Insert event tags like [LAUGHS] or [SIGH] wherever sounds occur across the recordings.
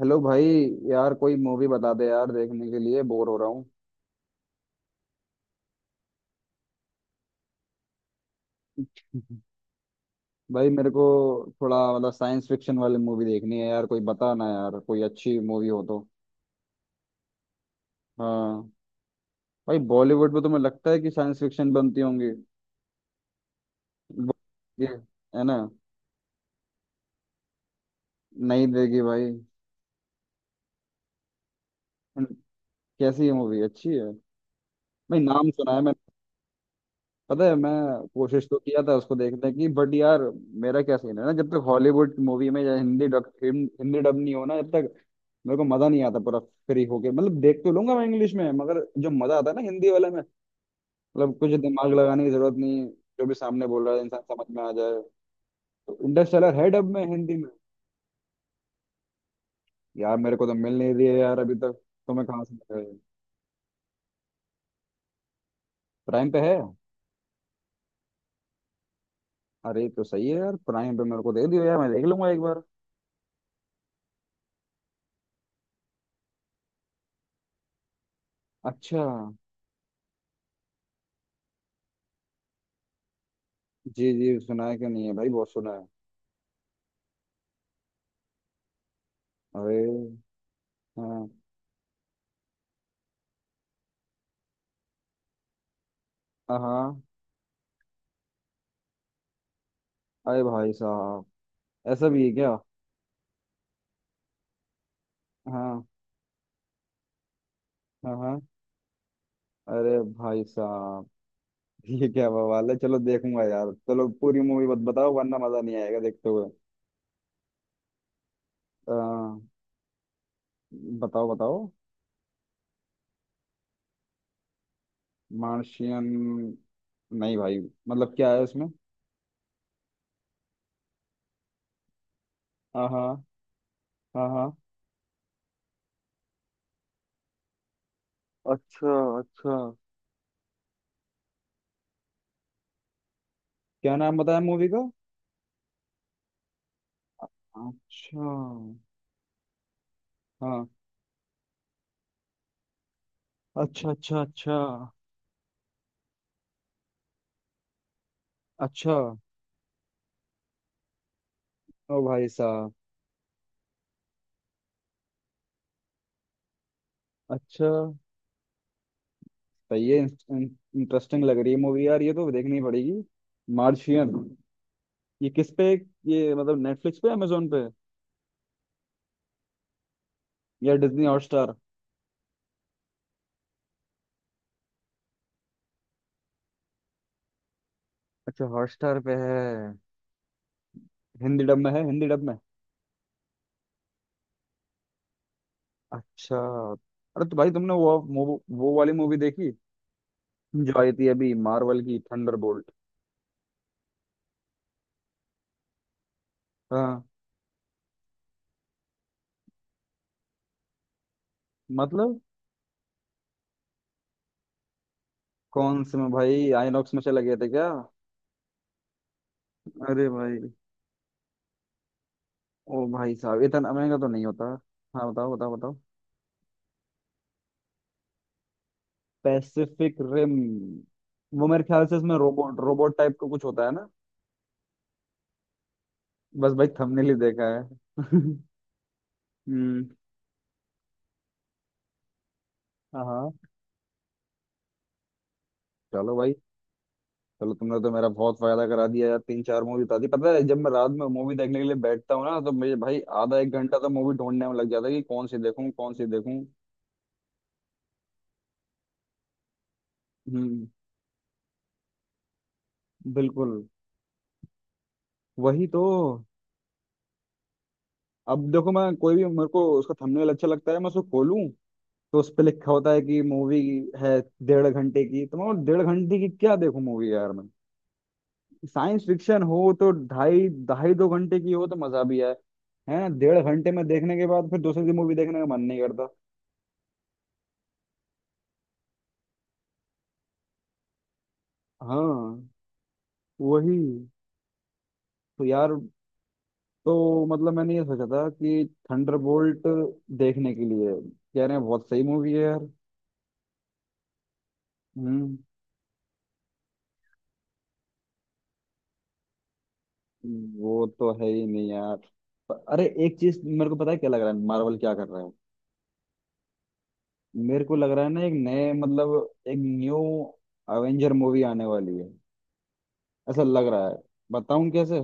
Hello भाई। यार कोई मूवी बता दे यार देखने के लिए बोर हो रहा हूँ। [LAUGHS] भाई मेरे को थोड़ा मतलब साइंस फिक्शन वाली मूवी देखनी है यार कोई बता ना यार कोई अच्छी मूवी हो तो। हाँ। भाई बॉलीवुड में तुम्हें लगता है कि साइंस फिक्शन बनती होंगी। वो- ये है ना। नहीं देगी भाई। कैसी है मूवी अच्छी है। भाई नाम सुना है। पता है मैं कोशिश तो किया था उसको देखने की बट यार मेरा क्या सीन है ना जब तक हॉलीवुड मूवी में या हिंदी डब नहीं हो ना जब तक मेरे को मजा नहीं आता पूरा फ्री होके मतलब देख तो लूंगा मैं इंग्लिश में मगर जो मजा आता है ना हिंदी वाले में। मतलब कुछ दिमाग लगाने की जरूरत नहीं। जो भी सामने बोल रहा है इंसान समझ में आ जाए। इंटरस्टेलर है डब में हिंदी में? यार मेरे को तो मिल नहीं रही है यार अभी तक। तो मैं कहाँ से मिल रही है? प्राइम पे है? अरे तो सही है यार प्राइम पे मेरे को दे दियो यार मैं देख लूंगा एक बार। अच्छा। जी जी सुना है कि नहीं है भाई बहुत सुना है। अरे। हाँ हाँ। अरे भाई साहब ऐसा भी है क्या। हाँ हाँ हाँ। अरे भाई साहब। [LAUGHS] ये क्या बवाल है चलो देखूंगा यार चलो पूरी मूवी मत बताओ वरना मजा नहीं आएगा देखते हुए। आ, बताओ बताओ। मार्शियन। नहीं भाई मतलब क्या है उसमें। हाँ हाँ हाँ हाँ। अच्छा अच्छा। क्या नाम बताया मूवी का। अच्छा। हाँ। अच्छा अच्छा अच्छा। अच्छा। ओ भाई साहब। अच्छा। सही है, इंटरेस्टिंग लग रही है मूवी यार ये तो देखनी पड़ेगी। मार्शियन। ये किस पे? ये मतलब नेटफ्लिक्स पे अमेजोन पे या डिज्नी हॉटस्टार? अच्छा हॉटस्टार पे है। हिंदी डब में है हिंदी डब में? अच्छा। अरे तो भाई तुमने वो वाली मूवी देखी जो आई थी अभी मार्वल की थंडरबोल्ट। हाँ मतलब कौन से में भाई आईनॉक्स में चले गए थे क्या। अरे भाई। ओ भाई साहब इतना महंगा तो नहीं होता। हाँ बताओ बताओ बताओ। Pacific rim. वो मेरे ख्याल से इसमें रोबोट रोबोट टाइप का कुछ होता है ना। बस भाई थंबनेल ही देखा है। [LAUGHS] हम्म। हाँ हाँ। चलो भाई। चलो तुमने तो मेरा बहुत फायदा करा दिया यार तीन चार मूवी बता दी, पता है जब मैं रात में मूवी देखने के लिए बैठता हूँ ना तो मुझे भाई आधा एक घंटा तो मूवी ढूंढने में लग जाता है कि कौन सी देखूँ कौन सी देखूँ। हम्म। बिल्कुल। वही तो। अब देखो मैं कोई भी मेरे को उसका थंबनेल अच्छा लगता है मैं उसको खोलूं, तो उस पे लिखा होता है कि मूवी है 1.5 घंटे की, तो मैं बोला, 1.5 घंटे की क्या देखूं मूवी यार मैं। साइंस फिक्शन हो तो ढाई ढाई 2 घंटे की हो तो मजा भी आए, है ना। 1.5 घंटे में देखने के बाद फिर दूसरी की मूवी देखने का मन नहीं करता। हाँ वही तो यार। तो मतलब मैंने ये सोचा था कि थंडरबोल्ट देखने के लिए कह रहे हैं बहुत सही मूवी है यार। हम्म। वो तो है ही नहीं यार। अरे एक चीज मेरे को पता है क्या लग रहा है मार्वल क्या कर रहा है। मेरे को लग रहा है ना एक नए मतलब एक न्यू अवेंजर मूवी आने वाली है, ऐसा लग रहा है। बताऊं कैसे?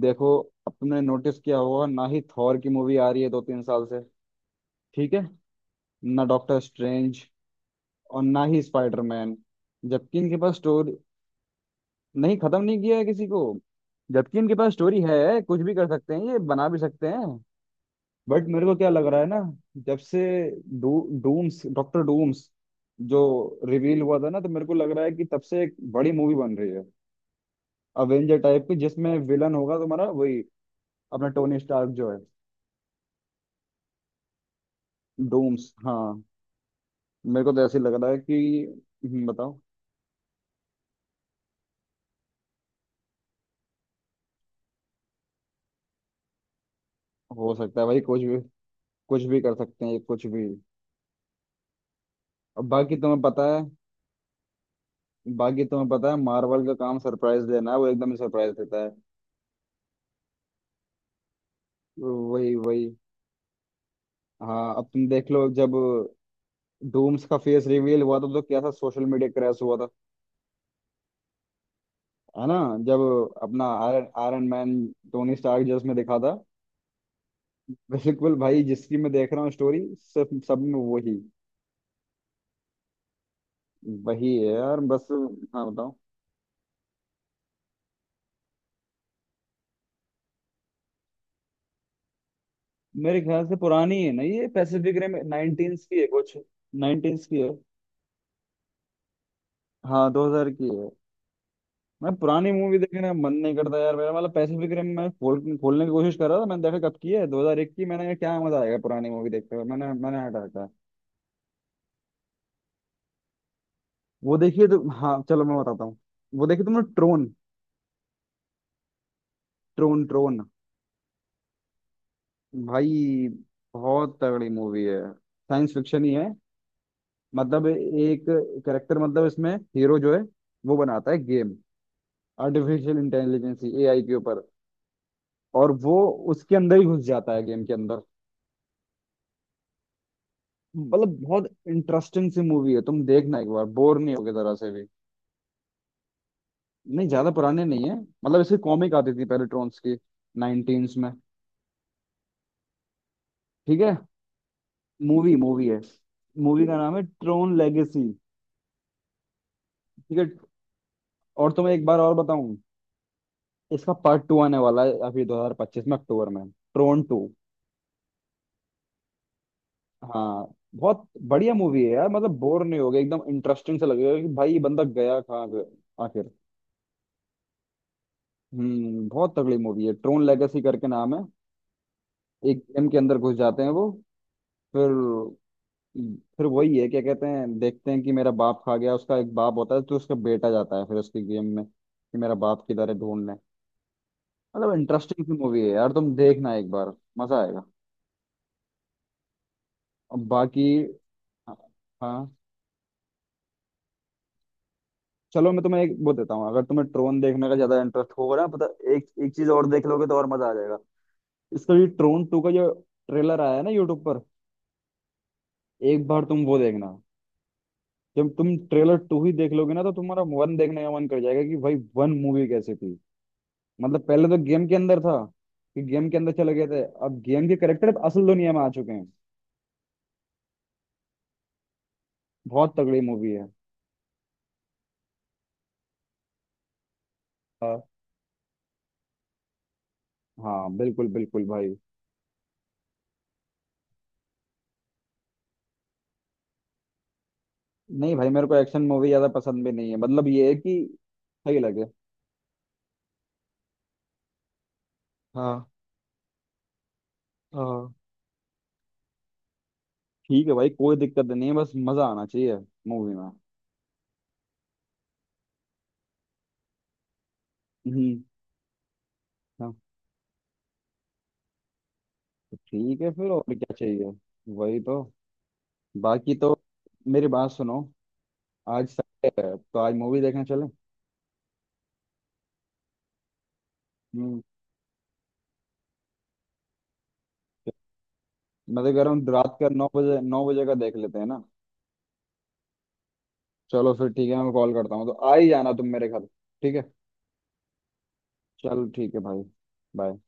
देखो, अब तुमने नोटिस किया होगा ना ही थॉर की मूवी आ रही है 2-3 साल से। ठीक है ना डॉक्टर स्ट्रेंज और ना ही स्पाइडरमैन। जबकि इनके पास स्टोरी। नहीं खत्म नहीं किया है किसी को। जबकि इनके पास स्टोरी है कुछ भी कर सकते हैं ये बना भी सकते हैं। बट मेरे को क्या लग रहा है ना, जब से डू डूम्स डॉक्टर डूम्स जो रिवील हुआ था ना तो मेरे को लग रहा है कि तब से एक बड़ी मूवी बन रही है अवेंजर टाइप की जिसमें विलन होगा तुम्हारा वही अपना टोनी स्टार्क जो है डूम्स हाँ। मेरे को तो ऐसे लग रहा है कि बताओ। हो सकता है भाई, कुछ भी कर सकते हैं ये, कुछ भी। अब बाकी तुम्हें पता है। बाकी तुम्हें पता है मार्वल का काम सरप्राइज देना है वो एकदम सरप्राइज देता है। वही वही। हाँ अब तुम देख लो जब डूम्स का फेस रिवील हुआ था तो कैसा सोशल मीडिया क्रैश हुआ था। है ना। जब अपना Iron Iron Man Tony Stark जो उसमें दिखा था बिल्कुल भाई जिसकी मैं देख रहा हूँ स्टोरी सब सब में वही, वही है यार बस। हाँ बताओ। मेरे ख्याल से पुरानी है ना ये पैसिफिक रिम 19s की है कुछ, 19s की है। हाँ 2000 की है। मैं पुरानी मूवी देखने का मन नहीं करता यार। मेरा मतलब पैसिफिक रिम मैं खोलने की कोशिश कर रहा था, मैंने देखा कब की है 2001 की, मैंने कहा क्या मजा आएगा पुरानी मूवी देखते हुए, मैंने मैंने हटा। वो देखिए तो, हाँ चलो मैं बताता हूँ। वो देखिए तुमने ट्रोन? ट्रोन ट्रोन। भाई बहुत तगड़ी मूवी है। साइंस फिक्शन ही है। मतलब एक करेक्टर मतलब इसमें हीरो जो है वो बनाता है गेम आर्टिफिशियल इंटेलिजेंस एआई के ऊपर। और वो उसके अंदर ही घुस जाता है गेम के अंदर। मतलब बहुत इंटरेस्टिंग सी मूवी है तुम देखना एक बार बोर नहीं होगे जरा से भी। नहीं ज्यादा पुराने नहीं है। मतलब इसकी कॉमिक आती थी पहले ट्रोन्स की नाइनटीन्स में। ठीक है। मूवी मूवी है। मूवी का नाम है ट्रोन लेगेसी। ठीक है। और तुम्हें एक बार और बताऊं, इसका पार्ट टू आने वाला है अभी 2025 में अक्टूबर में, ट्रोन टू। हाँ बहुत बढ़िया मूवी है यार, मतलब बोर नहीं होगे एकदम इंटरेस्टिंग से लगेगा कि भाई ये बंदा गया कहाँ गया आखिर। बहुत तगड़ी मूवी है ट्रोन लेगेसी करके नाम है। एक गेम के अंदर घुस जाते हैं वो। फिर फिर वही है क्या कहते हैं देखते हैं कि मेरा बाप खा गया, उसका एक बाप होता है तो उसका बेटा जाता है फिर उसकी गेम में कि मेरा बाप किधर है ढूंढने। मतलब इंटरेस्टिंग सी मूवी है यार तुम देखना एक बार। मजा आएगा। और बाकी। हाँ चलो मैं तुम्हें एक वो देता हूँ, अगर तुम्हें ट्रोन देखने का ज्यादा इंटरेस्ट होगा ना पता, एक एक चीज और देख लोगे तो और मजा आ जाएगा। इसका भी ट्रोन टू का जो ट्रेलर आया है ना यूट्यूब पर, एक बार तुम वो देखना। जब तुम ट्रेलर टू ही देख लोगे ना तो तुम्हारा वन देखने का मन कर जाएगा कि भाई वन मूवी कैसी थी। मतलब पहले तो गेम के अंदर था कि गेम के अंदर चले गए थे, अब गेम के करेक्टर अब असल दुनिया में आ चुके हैं। बहुत तगड़ी मूवी है। हाँ हाँ बिल्कुल बिल्कुल भाई। नहीं भाई मेरे को एक्शन मूवी ज्यादा पसंद भी नहीं है, मतलब ये है कि सही लगे। हाँ हाँ। ठीक है भाई कोई दिक्कत नहीं है बस मजा आना चाहिए मूवी में। हम्म। हाँ तो ठीक है फिर और क्या चाहिए। वही तो। बाकी तो मेरी बात सुनो, आज संडे है तो आज मूवी देखने चले। हम्म। मैं तो कह रहा हूँ रात का 9 बजे, 9 बजे का देख लेते हैं ना। चलो फिर ठीक है मैं कॉल करता हूँ तो आ ही जाना तुम मेरे घर, ठीक है। चलो ठीक है भाई bye।